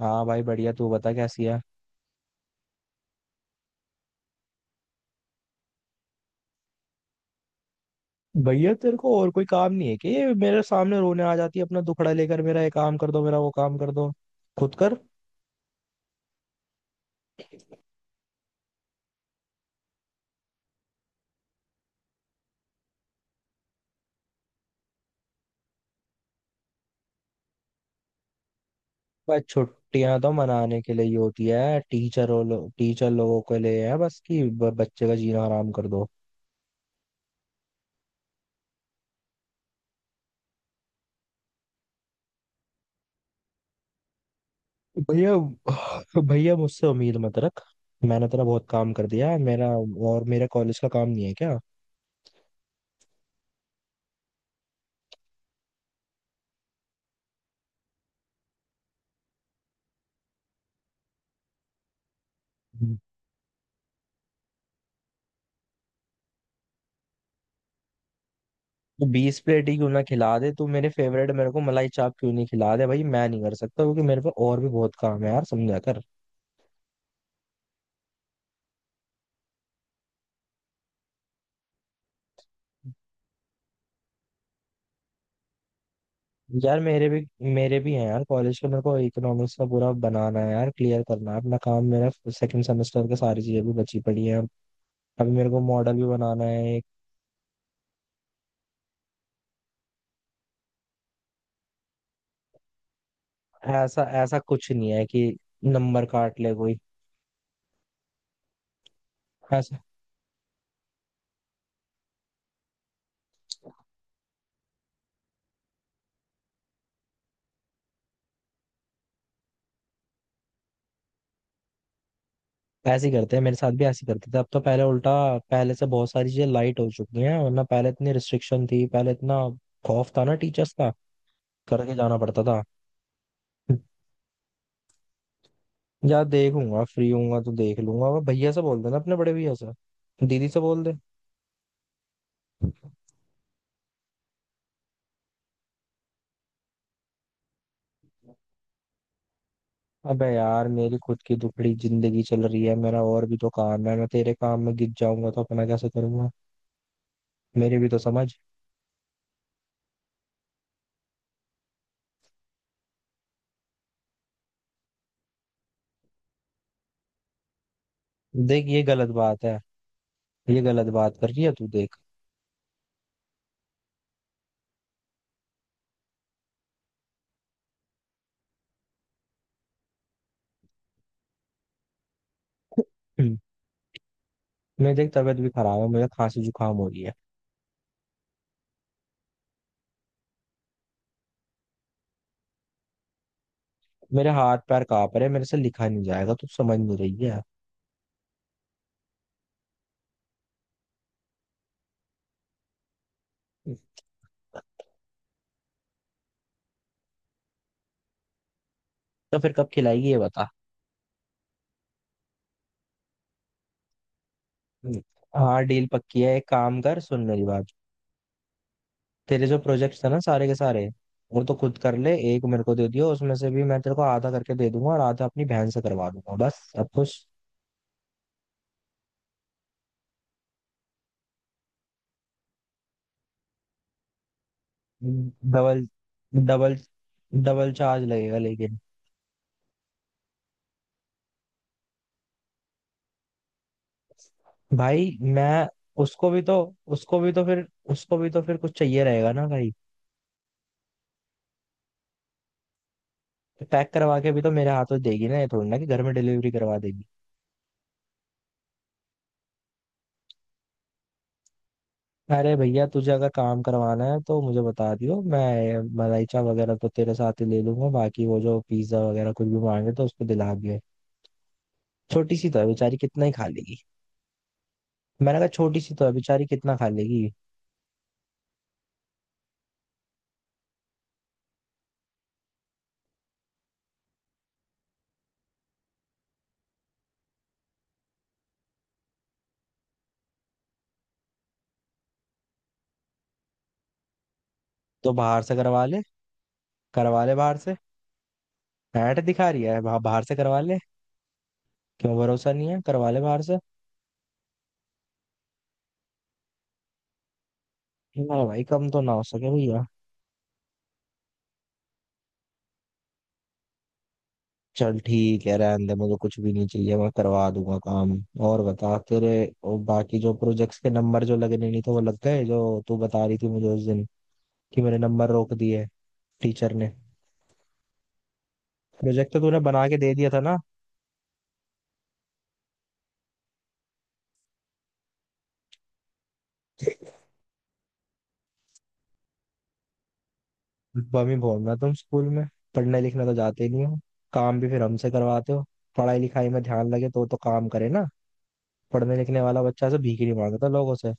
हाँ भाई, बढ़िया। तू बता, कैसी है। भैया, तेरे को और कोई काम नहीं है कि ये मेरे सामने रोने आ जाती है अपना दुखड़ा लेकर, मेरा ये काम कर दो, मेरा वो काम कर दो। खुद कर। बस छुट्टियां तो मनाने के लिए ही होती है टीचर, और लो, टीचर लोगों के लिए है बस कि बच्चे का जीना हराम कर दो। भैया, भैया मुझसे उम्मीद मत रख। मैंने तेरा बहुत काम कर दिया है। मेरा और मेरे कॉलेज का काम नहीं है क्या? तो 20 प्लेट ही क्यों ना खिला दे तू मेरे फेवरेट, मेरे को मलाई चाप क्यों नहीं खिला दे? भाई, मैं नहीं कर सकता क्योंकि मेरे पे और भी बहुत काम है यार, समझा कर। यार मेरे भी, मेरे भी हैं यार कॉलेज के। मेरे को इकोनॉमिक्स का पूरा बनाना है यार, क्लियर करना है अपना काम मेरा। सेकंड सेमेस्टर का सारी चीजें भी बची पड़ी हैं। अभी मेरे को मॉडल भी बनाना है एक। ऐसा ऐसा कुछ नहीं है कि नंबर काट ले कोई ऐसा। ऐसे ही करते हैं, मेरे साथ भी ऐसे ही करते थे। अब तो पहले उल्टा, पहले से बहुत सारी चीजें लाइट हो चुकी हैं, वरना पहले इतनी रिस्ट्रिक्शन थी, पहले इतना खौफ था ना टीचर्स का, करके जाना पड़ता था। यार, देखूंगा, फ्री होऊंगा तो देख लूंगा। वो भैया से बोल देना, अपने बड़े भैया से, दीदी से बोल दे। अबे यार, मेरी खुद की दुखड़ी जिंदगी चल रही है, मेरा और भी तो काम है। मैं तेरे काम में गिर जाऊंगा तो अपना कैसे करूंगा? मेरी भी तो समझ। देख, ये गलत बात है, ये गलत बात कर रही है तू, देख। हम्म। मैं देख, तबीयत भी खराब है, मुझे खांसी जुकाम हो रही है, मेरे हाथ पैर कांप रहे हैं, मेरे से लिखा नहीं जाएगा, तू समझ नहीं रही है। तो फिर कब खिलाएगी ये बता? हाँ, डील पक्की है। एक काम कर, सुन मेरी बात। तेरे जो प्रोजेक्ट थे ना सारे के सारे, वो तो खुद कर ले। एक मेरे को दे दियो, उसमें से भी मैं तेरे को आधा करके दे दूंगा और आधा अपनी बहन से करवा दूंगा, बस। अब कुछ डबल, डबल डबल चार्ज लगेगा लेकिन। भाई मैं, उसको भी तो, उसको भी तो फिर उसको भी तो फिर कुछ चाहिए रहेगा ना भाई। तो पैक करवा के भी तो मेरे हाथों देगी ना, ये थोड़ी ना कि घर में डिलीवरी करवा देगी। अरे भैया, तुझे अगर काम करवाना है तो मुझे बता दियो, मैं मलाइचा वगैरह तो तेरे साथ ही ले लूंगा, बाकी वो जो पिज्जा वगैरह कुछ भी मांगे तो उसको दिला दियो। छोटी सी तो है बेचारी, कितना ही खा लेगी। मैंने कहा छोटी सी तो है बेचारी, कितना खा लेगी। तो बाहर से करवा ले। करवा ले बाहर से। ऐट दिखा रही है, बाहर से करवा ले। क्यों भरोसा नहीं है? करवा ले बाहर से। ना भाई, कम तो ना हो सके भैया। चल ठीक है, रहने दे, मुझे कुछ भी नहीं चाहिए, मैं करवा दूंगा काम। और बता तेरे, और बाकी जो प्रोजेक्ट्स के नंबर जो लगने नहीं थे वो लग गए, जो तू बता रही थी मुझे उस दिन कि मेरे नंबर रोक दिए टीचर ने? प्रोजेक्ट तो तूने बना के दे दिया था ना? बम ही भोरना तुम स्कूल में, पढ़ने लिखने तो जाते ही नहीं हो, काम भी फिर हमसे करवाते हो। पढ़ाई लिखाई में ध्यान लगे तो काम करे ना। पढ़ने लिखने वाला बच्चा से भीख नहीं मांगता लोगों से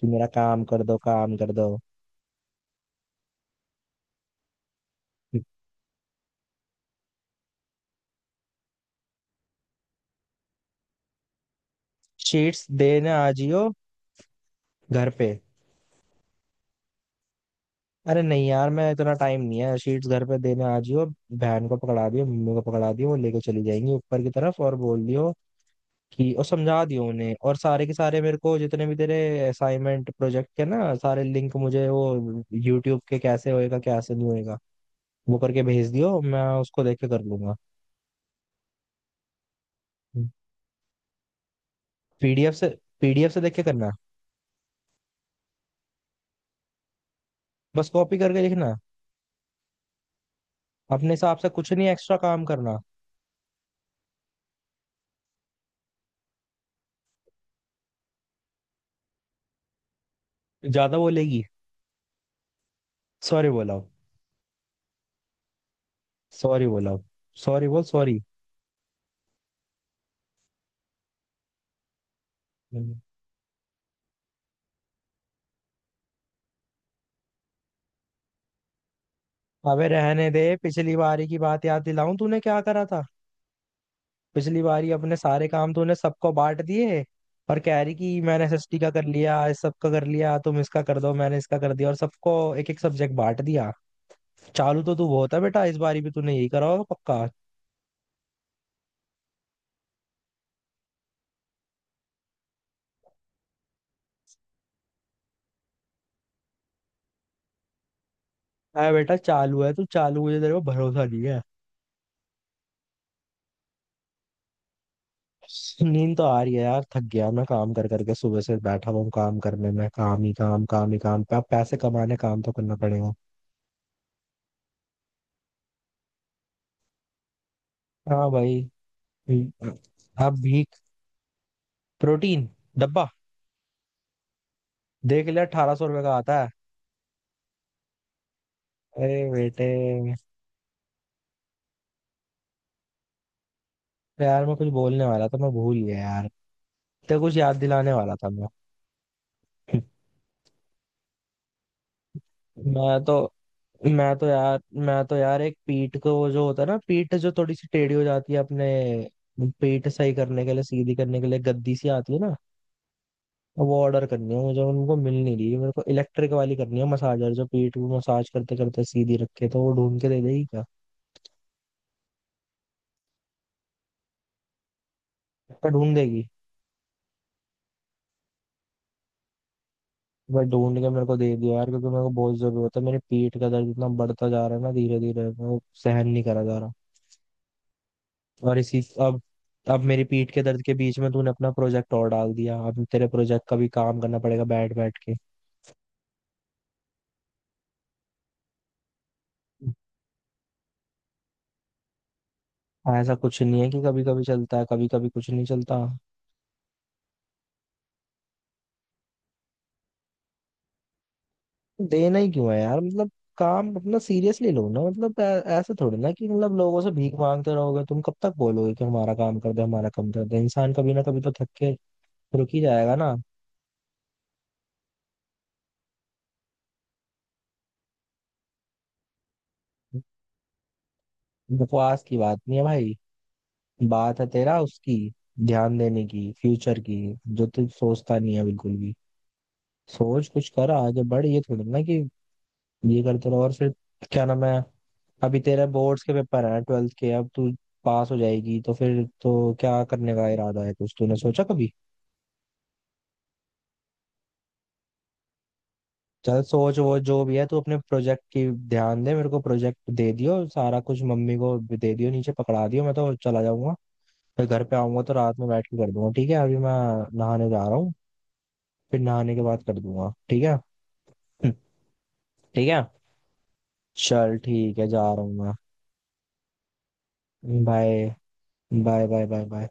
कि मेरा काम कर दो, काम कर दो। शीट्स देने आ जियो घर पे। अरे नहीं यार, मैं, इतना टाइम नहीं है, शीट्स घर पे देने आ जियो। बहन को पकड़ा दियो, मम्मी को पकड़ा दियो, वो लेके चली जाएंगी ऊपर की तरफ, और बोल दियो कि, और समझा दियो उन्हें, और सारे के सारे मेरे को जितने भी तेरे असाइनमेंट प्रोजेक्ट के ना, सारे लिंक मुझे वो यूट्यूब के, कैसे होएगा कैसे नहीं होएगा वो करके भेज दियो, मैं उसको देख के कर लूंगा। पीडीएफ से पीडीएफ से देख के करना, बस कॉपी करके लिखना, अपने हिसाब से कुछ नहीं एक्स्ट्रा काम करना। ज्यादा बोलेगी, सॉरी बोला, सॉरी बोला, सॉरी बोल सॉरी। अबे रहने दे, पिछली बारी की बात याद दिलाऊं तूने क्या करा था? पिछली बारी अपने सारे काम तूने सबको बांट दिए और कह रही कि मैंने एसएसटी का कर लिया, इस सब का कर लिया, तुम इसका कर दो, मैंने इसका कर दिया, और सबको एक एक सब्जेक्ट बांट दिया। चालू तो तू बहुत है बेटा, इस बारी भी तूने यही करा होगा पक्का है बेटा, चालू है तू, चालू, मुझे तेरे को भरोसा नहीं है। नींद तो आ रही है यार, थक गया मैं काम कर करके, सुबह से बैठा हुआ हूँ काम करने में, काम ही काम, काम ही काम, अब पैसे कमाने काम तो करना पड़ेगा। हाँ भाई। हम्म, अब भी प्रोटीन डब्बा, देख लिया, 1800 रुपये का आता है। अरे बेटे, यार मैं कुछ बोलने वाला था, मैं भूल गया यार, तो कुछ याद दिलाने वाला था मैं। मैं तो मैं तो यार मैं तो यार एक पीठ को वो जो होता है ना, पीठ जो थोड़ी सी टेढ़ी हो जाती है अपने, पीठ सही करने के लिए, सीधी करने के लिए गद्दी सी आती है ना, वो ऑर्डर करनी है मुझे, उनको मिल नहीं रही मेरे को, इलेक्ट्रिक वाली करनी है, मसाजर जो पीठ को मसाज करते करते सीधी रखे, तो वो ढूंढ के दे देगी क्या? क्या ढूंढ देगी? भाई ढूंढ के मेरे को दे दियो यार, क्योंकि मेरे को बहुत जरूरत है, मेरे पीठ का दर्द इतना बढ़ता जा रहा है ना धीरे धीरे, वो सहन नहीं करा जा रहा। और इसी अब मेरी पीठ के दर्द के बीच में तूने अपना प्रोजेक्ट और डाल दिया, अब तेरे प्रोजेक्ट का भी काम करना पड़ेगा बैठ बैठ के। ऐसा कुछ नहीं है कि कभी कभी चलता है, कभी कभी कुछ नहीं चलता। देना ही क्यों है यार, मतलब, काम अपना सीरियसली लो ना, मतलब ऐसे थोड़ी ना कि, मतलब लोगों से भीख मांगते रहोगे तुम, कब तक बोलोगे कि हमारा काम कर दे, हमारा काम कर दे, इंसान कभी ना कभी तो थक के रुक ही जाएगा ना। बकवास की बात नहीं है भाई, बात है तेरा उसकी, ध्यान देने की, फ्यूचर की, जो तू सोचता नहीं है बिल्कुल भी। सोच, कुछ कर, आगे बढ़, ये थोड़ी ना कि ये करते रहो, और फिर क्या नाम है, अभी तेरे बोर्ड्स के पेपर हैं ट्वेल्थ के, अब तू पास हो जाएगी तो फिर तो क्या करने का इरादा है, कुछ तूने सोचा कभी? चल सोच वो जो भी है तू, अपने प्रोजेक्ट की ध्यान दे, मेरे को प्रोजेक्ट दे दियो सारा कुछ, मम्मी को दे दियो नीचे पकड़ा दियो, मैं तो चला जाऊंगा, फिर घर पे आऊंगा तो रात में बैठ के कर दूंगा, ठीक है? अभी मैं नहाने जा रहा हूँ, फिर नहाने के बाद कर दूंगा, ठीक है। ठीक है, चल ठीक है, जा रहा हूँ मैं। Bye, bye bye bye bye.